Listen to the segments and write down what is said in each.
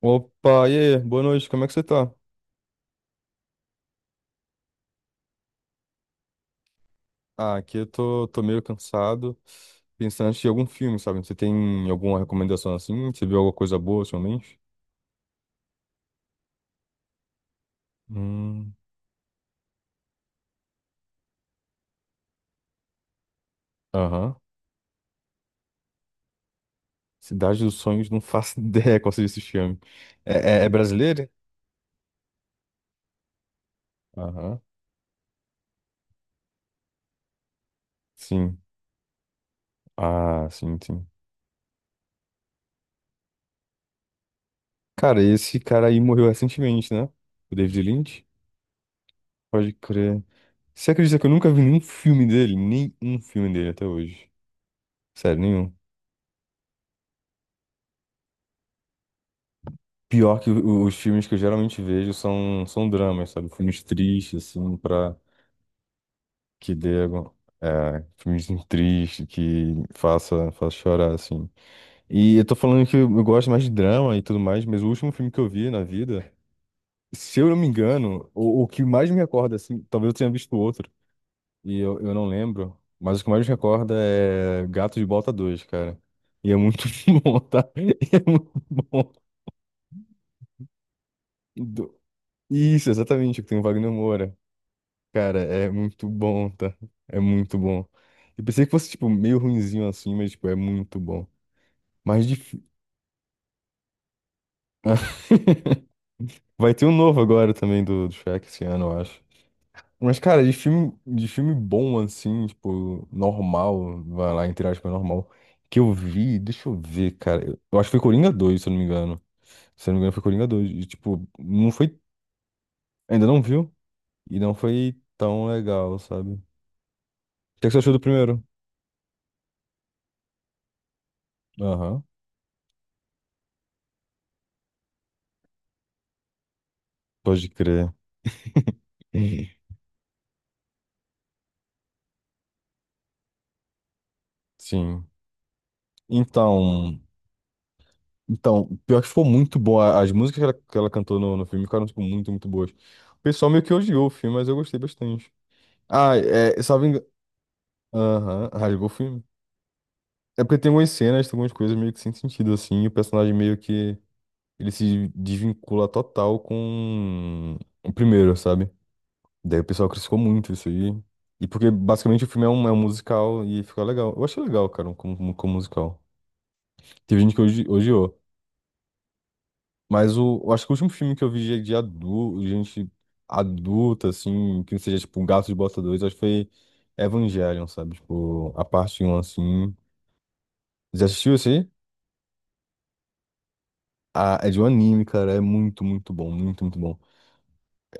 Opa, e aí? Boa noite, como é que você tá? Ah, aqui eu tô meio cansado, pensando em assistir algum filme, sabe? Você tem alguma recomendação assim? Você viu alguma coisa boa ultimamente? Hum, aham. Cidade dos Sonhos, não faço ideia qual seja esse filme. É, é brasileiro? Aham, sim. Ah, sim, sim. Cara, esse cara aí morreu recentemente, né? O David Lynch? Pode crer. Você acredita que eu nunca vi nenhum filme dele? Nem um filme dele até hoje. Sério, nenhum. Pior que os filmes que eu geralmente vejo são dramas, sabe? Filmes tristes, assim, pra que dê é, filmes tristes, que faça chorar, assim. E eu tô falando que eu gosto mais de drama e tudo mais, mas o último filme que eu vi na vida, se eu não me engano, o que mais me recorda, assim, talvez eu tenha visto outro, e eu não lembro, mas o que mais me recorda é Gato de Bota 2, cara. E é muito bom, tá? E é muito bom. Do- Isso, exatamente, que tem o Wagner Moura. Cara, é muito bom, tá? É muito bom. Eu pensei que fosse, tipo, meio ruinzinho assim, mas, tipo, é muito bom. Mas difícil. Vai ter um novo agora também do Shrek esse ano, eu acho. Mas, cara, de filme bom, assim, tipo, normal, vai lá, entre aspas, normal, que eu vi, deixa eu ver, cara. Eu acho que foi Coringa dois se eu não me engano. Se eu não me engano, foi Coringa dois e, tipo, não foi. Ainda não viu? E não foi tão legal, sabe? O que é que você achou do primeiro? Aham, pode crer. Sim. Então, então, pior que ficou muito bom. As músicas que ela cantou no filme ficaram, tipo, muito, muito boas. O pessoal meio que odiou o filme, mas eu gostei bastante. Ah, é, salvo engano. Aham, rasgou o filme. É porque tem algumas cenas, tem algumas coisas meio que sem sentido, assim, e o personagem meio que ele se desvincula total com o primeiro, sabe? Daí o pessoal criticou muito isso aí. E porque basicamente o filme é um, musical e ficou legal. Eu achei legal, cara, como musical. Teve gente que odiou. Mas eu acho que o último filme que eu vi de adulto, gente adulta, assim, que seja tipo um Gato de Bota 2, acho que foi Evangelion, sabe? Tipo, a parte um assim. Já assistiu esse aí? Ah, é de um anime, cara. É muito, muito bom. Muito, muito bom.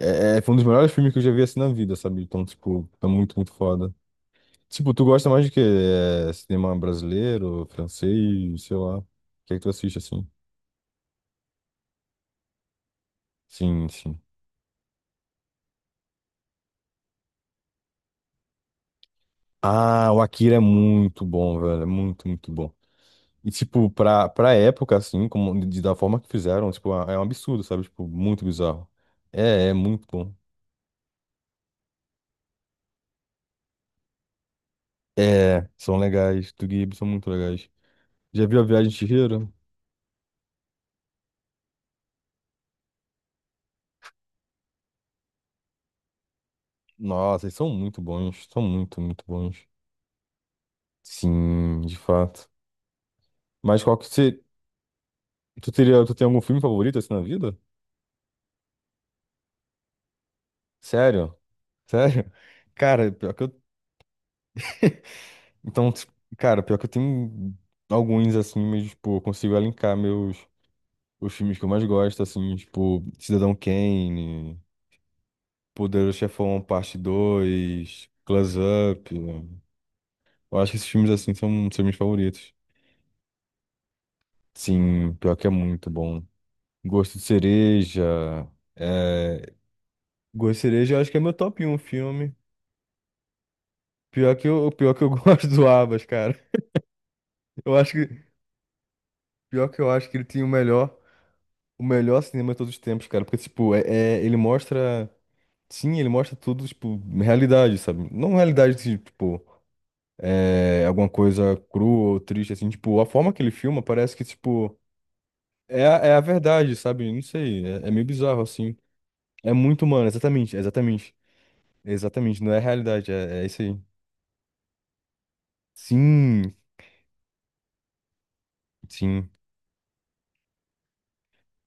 Foi um dos melhores filmes que eu já vi assim na vida, sabe? Então, tipo, é muito, muito foda. Tipo, tu gosta mais de quê? É, cinema brasileiro, francês, sei lá. O que é que tu assiste assim? Sim, sim. Ah, o Akira é muito bom, velho. É muito, muito bom. E, tipo, pra época, assim, como, de, da forma que fizeram, tipo, é um absurdo, sabe? Tipo, muito bizarro. É muito bom. É, são legais. Do Ghibli são muito legais. Já viu a Viagem de Chihiro? Nossa, eles são muito bons. São muito, muito bons. Sim, de fato. Mas qual que você... Tu teria, tu tem algum filme favorito, assim, na vida? Sério? Sério? Cara, pior que eu... Então, tipo, cara, pior que eu tenho alguns, assim, mas, tipo, eu consigo elencar meus... Os filmes que eu mais gosto, assim, tipo, Cidadão Kane, Poderoso Chefão Parte dois, Close Up. Eu acho que esses filmes, assim, são meus favoritos. Sim, pior que é muito bom. Gosto de Cereja. É... Gosto de Cereja, eu acho que é meu top um filme. Pior que eu gosto do Abas, cara. Eu acho que, pior que eu acho que ele tem o melhor cinema de todos os tempos, cara. Porque, tipo, ele mostra. Sim, ele mostra tudo, tipo, realidade, sabe? Não realidade, assim, tipo. É, alguma coisa crua ou triste, assim, tipo, a forma que ele filma parece que, tipo, é, é a verdade, sabe? Não sei, é meio bizarro, assim. É muito humano, exatamente, exatamente, exatamente, não é realidade, é isso aí. Sim, sim,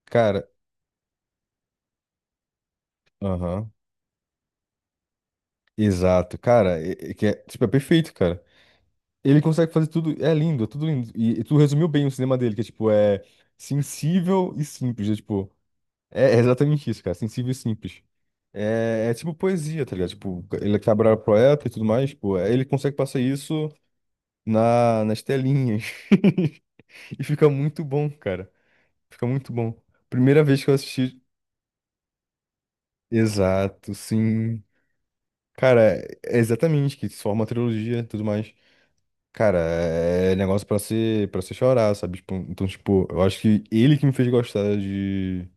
cara, aham, exato, cara, é que é, tipo, é perfeito, cara. Ele consegue fazer tudo, é lindo, é tudo lindo. E tu resumiu bem o cinema dele, que é, tipo, é sensível e simples, é, tipo... É exatamente isso, cara. Sensível e simples. É tipo poesia, tá ligado? Tipo, ele que era poeta e tudo mais, pô, ele consegue passar isso na, nas telinhas. E fica muito bom, cara. Fica muito bom. Primeira vez que eu assisti. Exato, sim. Cara, é exatamente, que se forma uma trilogia e tudo mais. Cara, é negócio pra ser, pra você chorar, sabe? Tipo, então, tipo, eu acho que ele que me fez gostar de,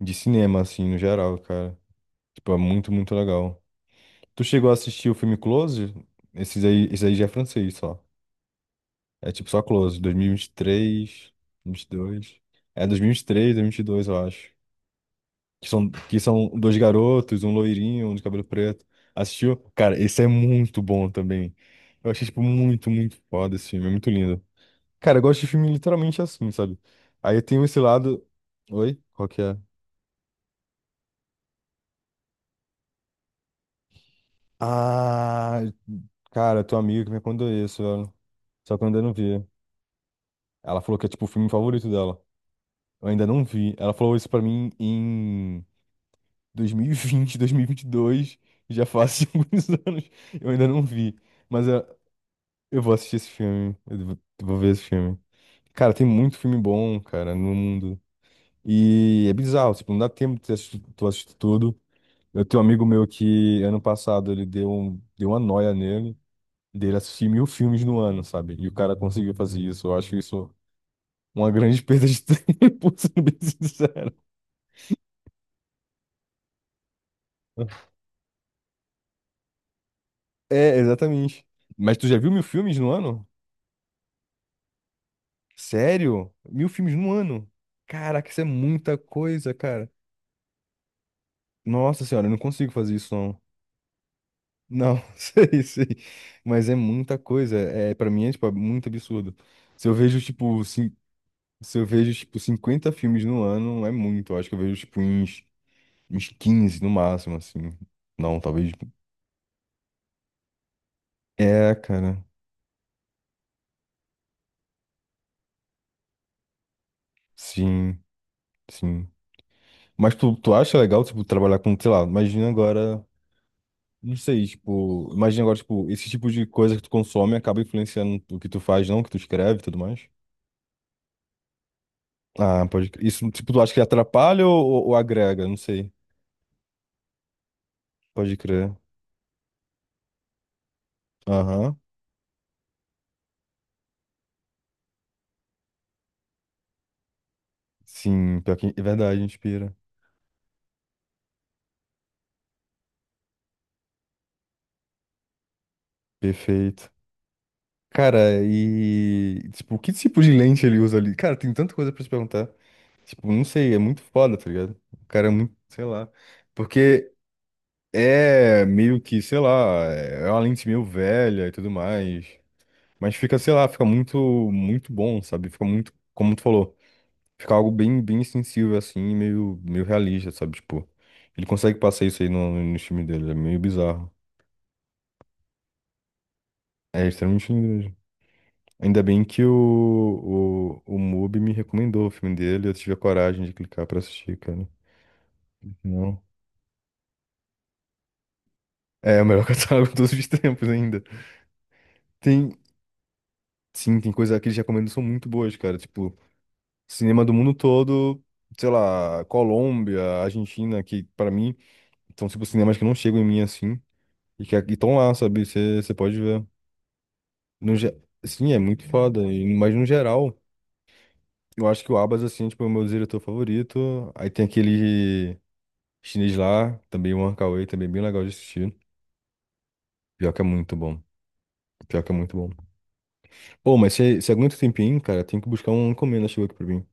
de cinema, assim, no geral, cara. Tipo, é muito, muito legal. Tu chegou a assistir o filme Close? Esses aí, esse aí já é francês só. É tipo só Close, 2023, 22. É 2023, 2022, eu acho. Que são dois garotos, um loirinho, um de cabelo preto. Assistiu? Cara, esse é muito bom também. Eu achei, tipo, muito, muito foda esse filme. É muito lindo. Cara, eu gosto de filme literalmente assim, sabe? Aí eu tenho esse lado. Oi? Qual que é? Ah, cara, tua amiga que me contou isso, velho. Só que eu ainda não vi. Ela falou que é tipo o filme favorito dela. Eu ainda não vi. Ela falou isso pra mim em dois dois mil mil e vinte, 2022. Já faz alguns anos. Eu ainda não vi. Mas é, eu, vou assistir esse filme. Eu vou ver esse filme. Cara, tem muito filme bom, cara, no mundo. E é bizarro, tipo, não dá tempo de assistir, tu assistir tudo. Eu tenho um amigo meu que, ano passado, ele deu uma noia nele, dele assistir 1.000 filmes no ano, sabe? E o cara conseguiu fazer isso. Eu acho isso uma grande perda de tempo, sendo bem sincero. É, exatamente. Mas tu já viu 1.000 filmes no ano? Sério? 1.000 filmes no ano? Caraca, isso é muita coisa, cara. Nossa senhora, eu não consigo fazer isso, não. Não, sei, sei. Mas é muita coisa. É, para mim é, tipo, muito absurdo. Se eu vejo, tipo, cin- Se eu vejo, tipo, 50 filmes no ano, é muito. Eu acho que eu vejo, tipo, uns 15 no máximo, assim. Não, talvez. Tipo, é, cara. Sim, sim. Mas tu acha legal, tipo, trabalhar com, sei lá, imagina agora. Não sei, tipo, imagina agora, tipo, esse tipo de coisa que tu consome acaba influenciando o que tu faz, não, o que tu escreve e tudo mais. Ah, pode crer. Isso, tipo, tu acha que atrapalha ou, ou agrega? Não sei. Pode crer. Aham. Sim, pior que... é verdade, inspira. Perfeito. Cara, e, tipo, que tipo de lente ele usa ali? Cara, tem tanta coisa pra se perguntar. Tipo, não sei, é muito foda, tá ligado? O cara é muito, sei lá. Porque é meio que, sei lá, é uma lente meio velha e tudo mais. Mas fica, sei lá, fica muito, muito bom, sabe? Fica muito, como tu falou, fica algo bem, bem sensível, assim, e meio, meio realista, sabe? Tipo, ele consegue passar isso aí no filme dele, é meio bizarro. É extremamente lindo mesmo. Ainda bem que o Mubi me recomendou o filme dele, eu tive a coragem de clicar pra assistir, cara. Não. É o melhor catálogo de todos os tempos ainda. Tem, sim, tem coisa que eles recomendam que são muito boas, cara. Tipo, cinema do mundo todo, sei lá, Colômbia, Argentina, que pra mim são, tipo, cinemas que não chegam em mim assim. E que estão lá, sabe? Você pode ver. No, ge- sim, é muito foda. E, mas no geral, eu acho que o Abbas, assim, tipo, é tipo, o meu diretor favorito. Aí tem aquele chinês lá, também o Wong Kar-wai, também bem legal de assistir. Pior que é muito bom. Pior que é muito bom. Pô, mas se aguenta um tempinho, cara, tem que buscar uma encomenda, chegou aqui pra mim.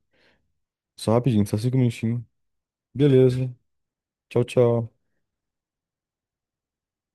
Só rapidinho, só 5 minutinhos. Beleza. Tchau, tchau.